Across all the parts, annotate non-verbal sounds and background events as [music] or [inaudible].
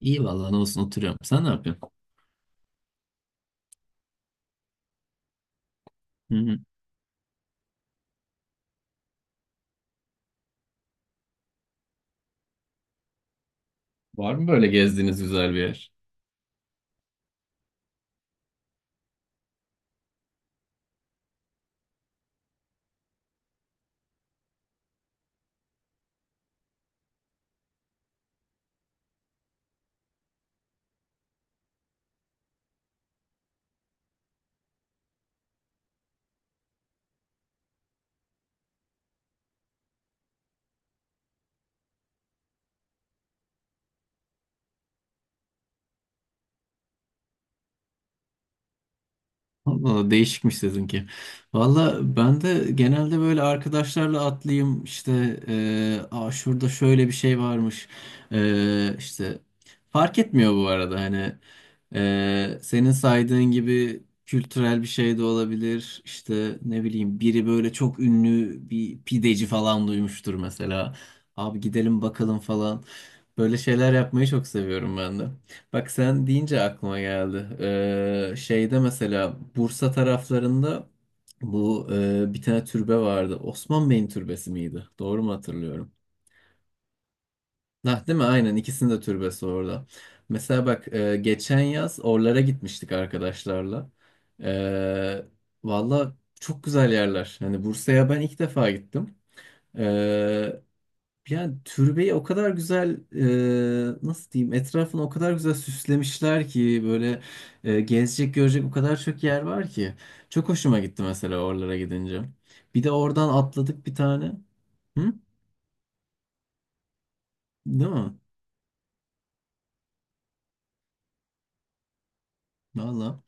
İyi vallahi ne olsun oturuyorum. Sen ne yapıyorsun? Hı hı. Var mı böyle gezdiğiniz güzel bir yer? Valla değişikmiş sizinki. Valla ben de genelde böyle arkadaşlarla atlayayım işte, aa, şurada şöyle bir şey varmış. İşte fark etmiyor bu arada, hani, senin saydığın gibi kültürel bir şey de olabilir. İşte ne bileyim, biri böyle çok ünlü bir pideci falan duymuştur mesela, abi gidelim bakalım falan. Böyle şeyler yapmayı çok seviyorum ben de. Bak sen deyince aklıma geldi. Şeyde mesela Bursa taraflarında bu bir tane türbe vardı. Osman Bey'in türbesi miydi? Doğru mu hatırlıyorum? Nah, değil mi? Aynen, ikisinin de türbesi orada. Mesela bak, geçen yaz oralara gitmiştik arkadaşlarla. Ee, Valla çok güzel yerler. Hani Bursa'ya ben ilk defa gittim. E, Yani türbeyi o kadar güzel, nasıl diyeyim, etrafını o kadar güzel süslemişler ki, böyle gezecek görecek o kadar çok yer var ki. Çok hoşuma gitti mesela oralara gidince. Bir de oradan atladık bir tane. Hı? Değil mi? Valla.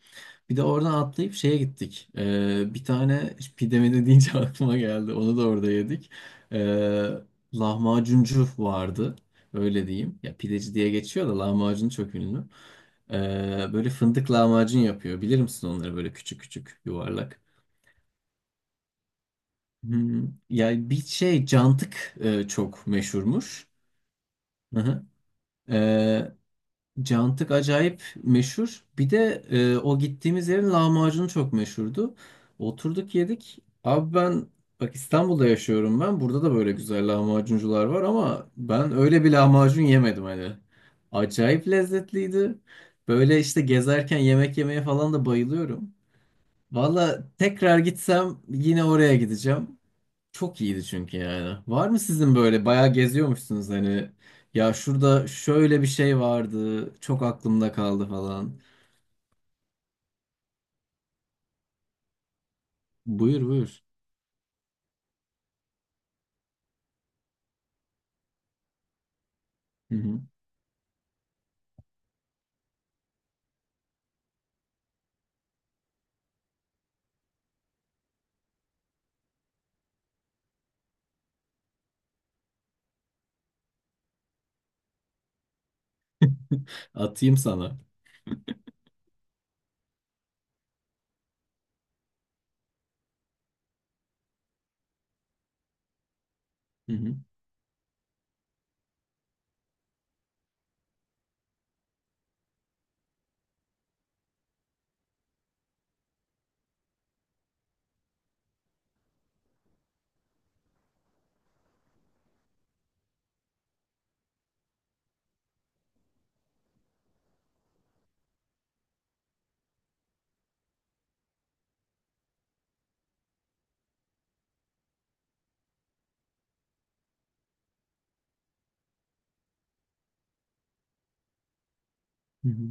Bir de oradan atlayıp şeye gittik. Bir tane pidemini deyince [laughs] aklıma geldi. Onu da orada yedik. Ee, Lahmacuncu vardı. Öyle diyeyim. Ya pideci diye geçiyor da lahmacun çok ünlü. Ee, Böyle fındık lahmacun yapıyor. Bilir misin onları, böyle küçük küçük yuvarlak? Hmm, yani bir şey, cantık çok meşhurmuş. Hı hı. Ee, Cantık acayip meşhur. Bir de o gittiğimiz yerin lahmacunu çok meşhurdu. Oturduk yedik. Abi ben, bak İstanbul'da yaşıyorum ben. Burada da böyle güzel lahmacuncular var ama ben öyle bir lahmacun yemedim hani. Acayip lezzetliydi. Böyle işte gezerken yemek yemeye falan da bayılıyorum. Valla tekrar gitsem yine oraya gideceğim. Çok iyiydi çünkü yani. Var mı sizin? Böyle bayağı geziyormuşsunuz hani, ya şurada şöyle bir şey vardı çok aklımda kaldı falan. Buyur buyur. Hı hı. Atayım sana. Hı hı. Hı hı.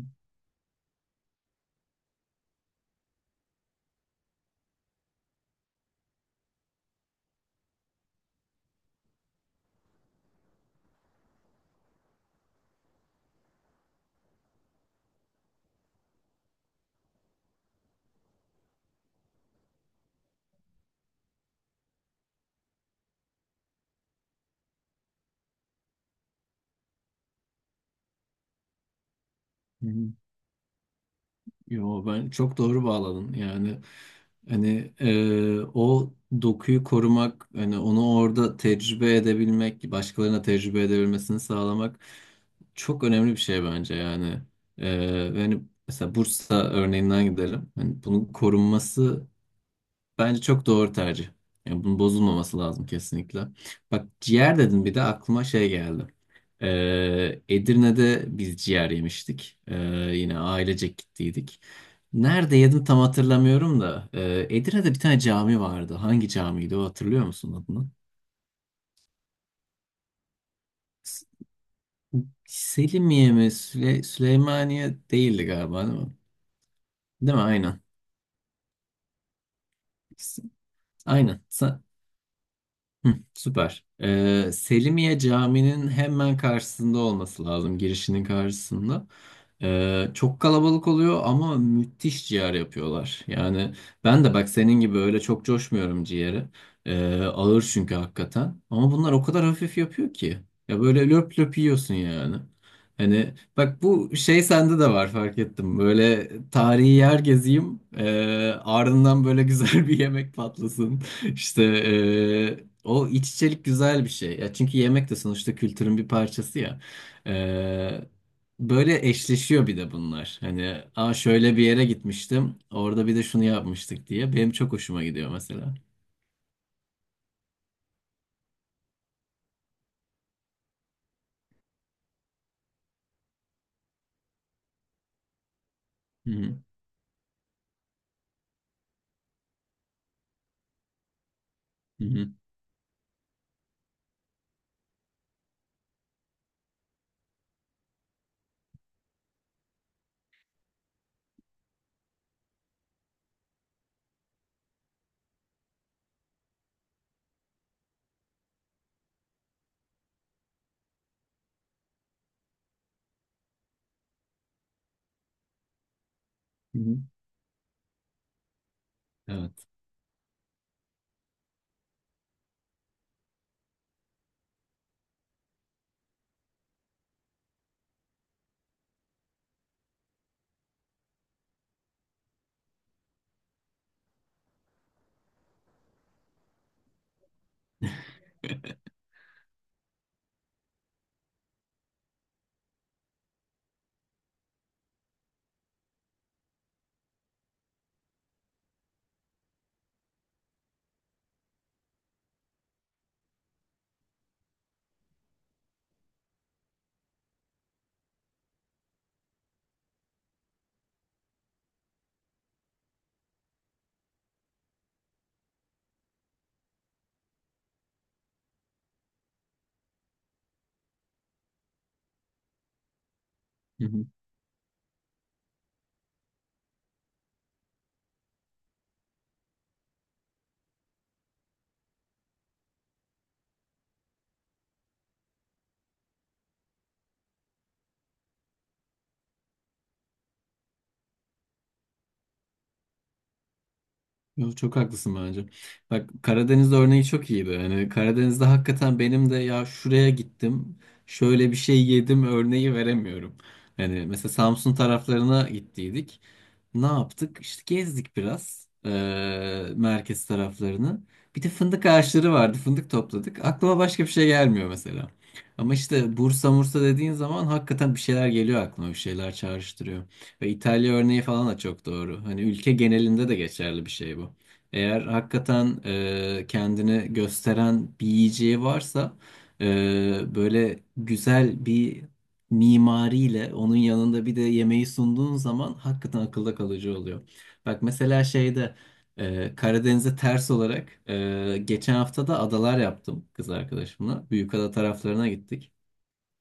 Hı hı. Yo, ben çok doğru bağladın yani. Hani o dokuyu korumak, hani onu orada tecrübe edebilmek, başkalarına tecrübe edebilmesini sağlamak çok önemli bir şey bence yani. E, Yani mesela Bursa örneğinden gidelim, hani bunun korunması, bence çok doğru tercih. Yani bunun bozulmaması lazım kesinlikle. Bak, ciğer dedim, bir de aklıma şey geldi. Edirne'de biz ciğer yemiştik. Yine ailecek gittiydik. Nerede yedim tam hatırlamıyorum da, Edirne'de bir tane cami vardı. Hangi camiydi o, hatırlıyor musun adını? S- Selimiye mi? Süleymaniye değildi galiba değil mi? Değil mi? Aynen. S- Aynen. Hı, süper. Selimiye Camii'nin hemen karşısında olması lazım, girişinin karşısında. Çok kalabalık oluyor ama müthiş ciğer yapıyorlar. Yani ben de bak senin gibi öyle çok coşmuyorum ciğeri. Ağır çünkü hakikaten. Ama bunlar o kadar hafif yapıyor ki. Ya böyle löp löp yiyorsun yani. Hani bak, bu şey sende de var, fark ettim. Böyle tarihi yer gezeyim, ardından böyle [laughs] güzel bir yemek patlasın. İşte o iç içelik güzel bir şey. Ya çünkü yemek de sonuçta kültürün bir parçası ya. Eee, Böyle eşleşiyor bir de bunlar. Hani, aa, şöyle bir yere gitmiştim, orada bir de şunu yapmıştık diye. Benim çok hoşuma gidiyor mesela. Hı hı, hı hı, hı hı. Evet. Hı hı. Yo, çok haklısın bence. Bak Karadeniz örneği çok iyi be. Yani Karadeniz'de hakikaten benim de, ya şuraya gittim, şöyle bir şey yedim örneği veremiyorum. Hani mesela Samsun taraflarına gittiydik. Ne yaptık? İşte gezdik biraz merkez taraflarını. Bir de fındık ağaçları vardı. Fındık topladık. Aklıma başka bir şey gelmiyor mesela. Ama işte Bursa Mursa dediğin zaman hakikaten bir şeyler geliyor aklıma. Bir şeyler çağrıştırıyor. Ve İtalya örneği falan da çok doğru. Hani ülke genelinde de geçerli bir şey bu. Eğer hakikaten kendini gösteren bir yiyeceği varsa, böyle güzel bir mimariyle onun yanında bir de yemeği sunduğun zaman hakikaten akılda kalıcı oluyor. Bak mesela şeyde, Karadeniz'e ters olarak, geçen hafta da adalar yaptım kız arkadaşımla. Büyükada taraflarına gittik.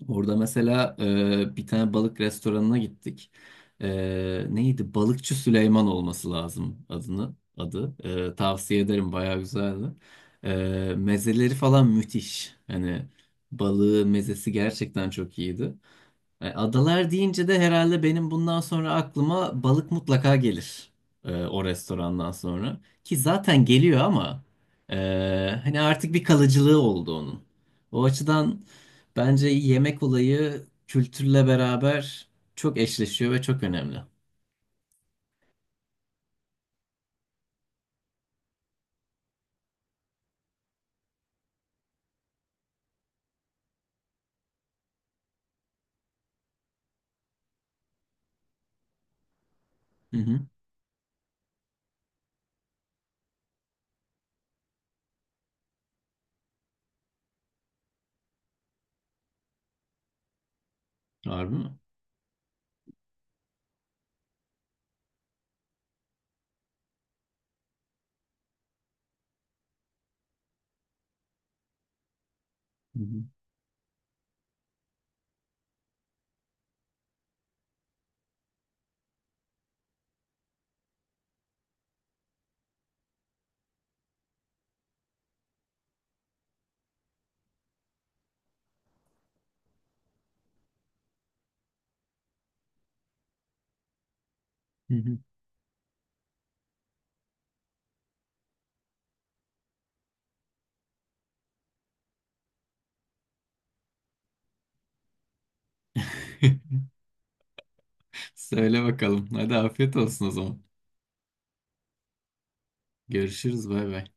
Orada mesela bir tane balık restoranına gittik. Neydi? Balıkçı Süleyman olması lazım adını adı. Tavsiye ederim, bayağı güzeldi. Mezeleri falan müthiş. Hani balığı, mezesi gerçekten çok iyiydi. Adalar deyince de herhalde benim bundan sonra aklıma balık mutlaka gelir, o restorandan sonra. Ki zaten geliyor ama e, hani artık bir kalıcılığı oldu onun. O açıdan bence yemek olayı kültürle beraber çok eşleşiyor ve çok önemli. Hı hı. Harbi mi? Hı hı. Hı hı. [laughs] Söyle bakalım. Hadi afiyet olsun o zaman. Görüşürüz. Bay bay.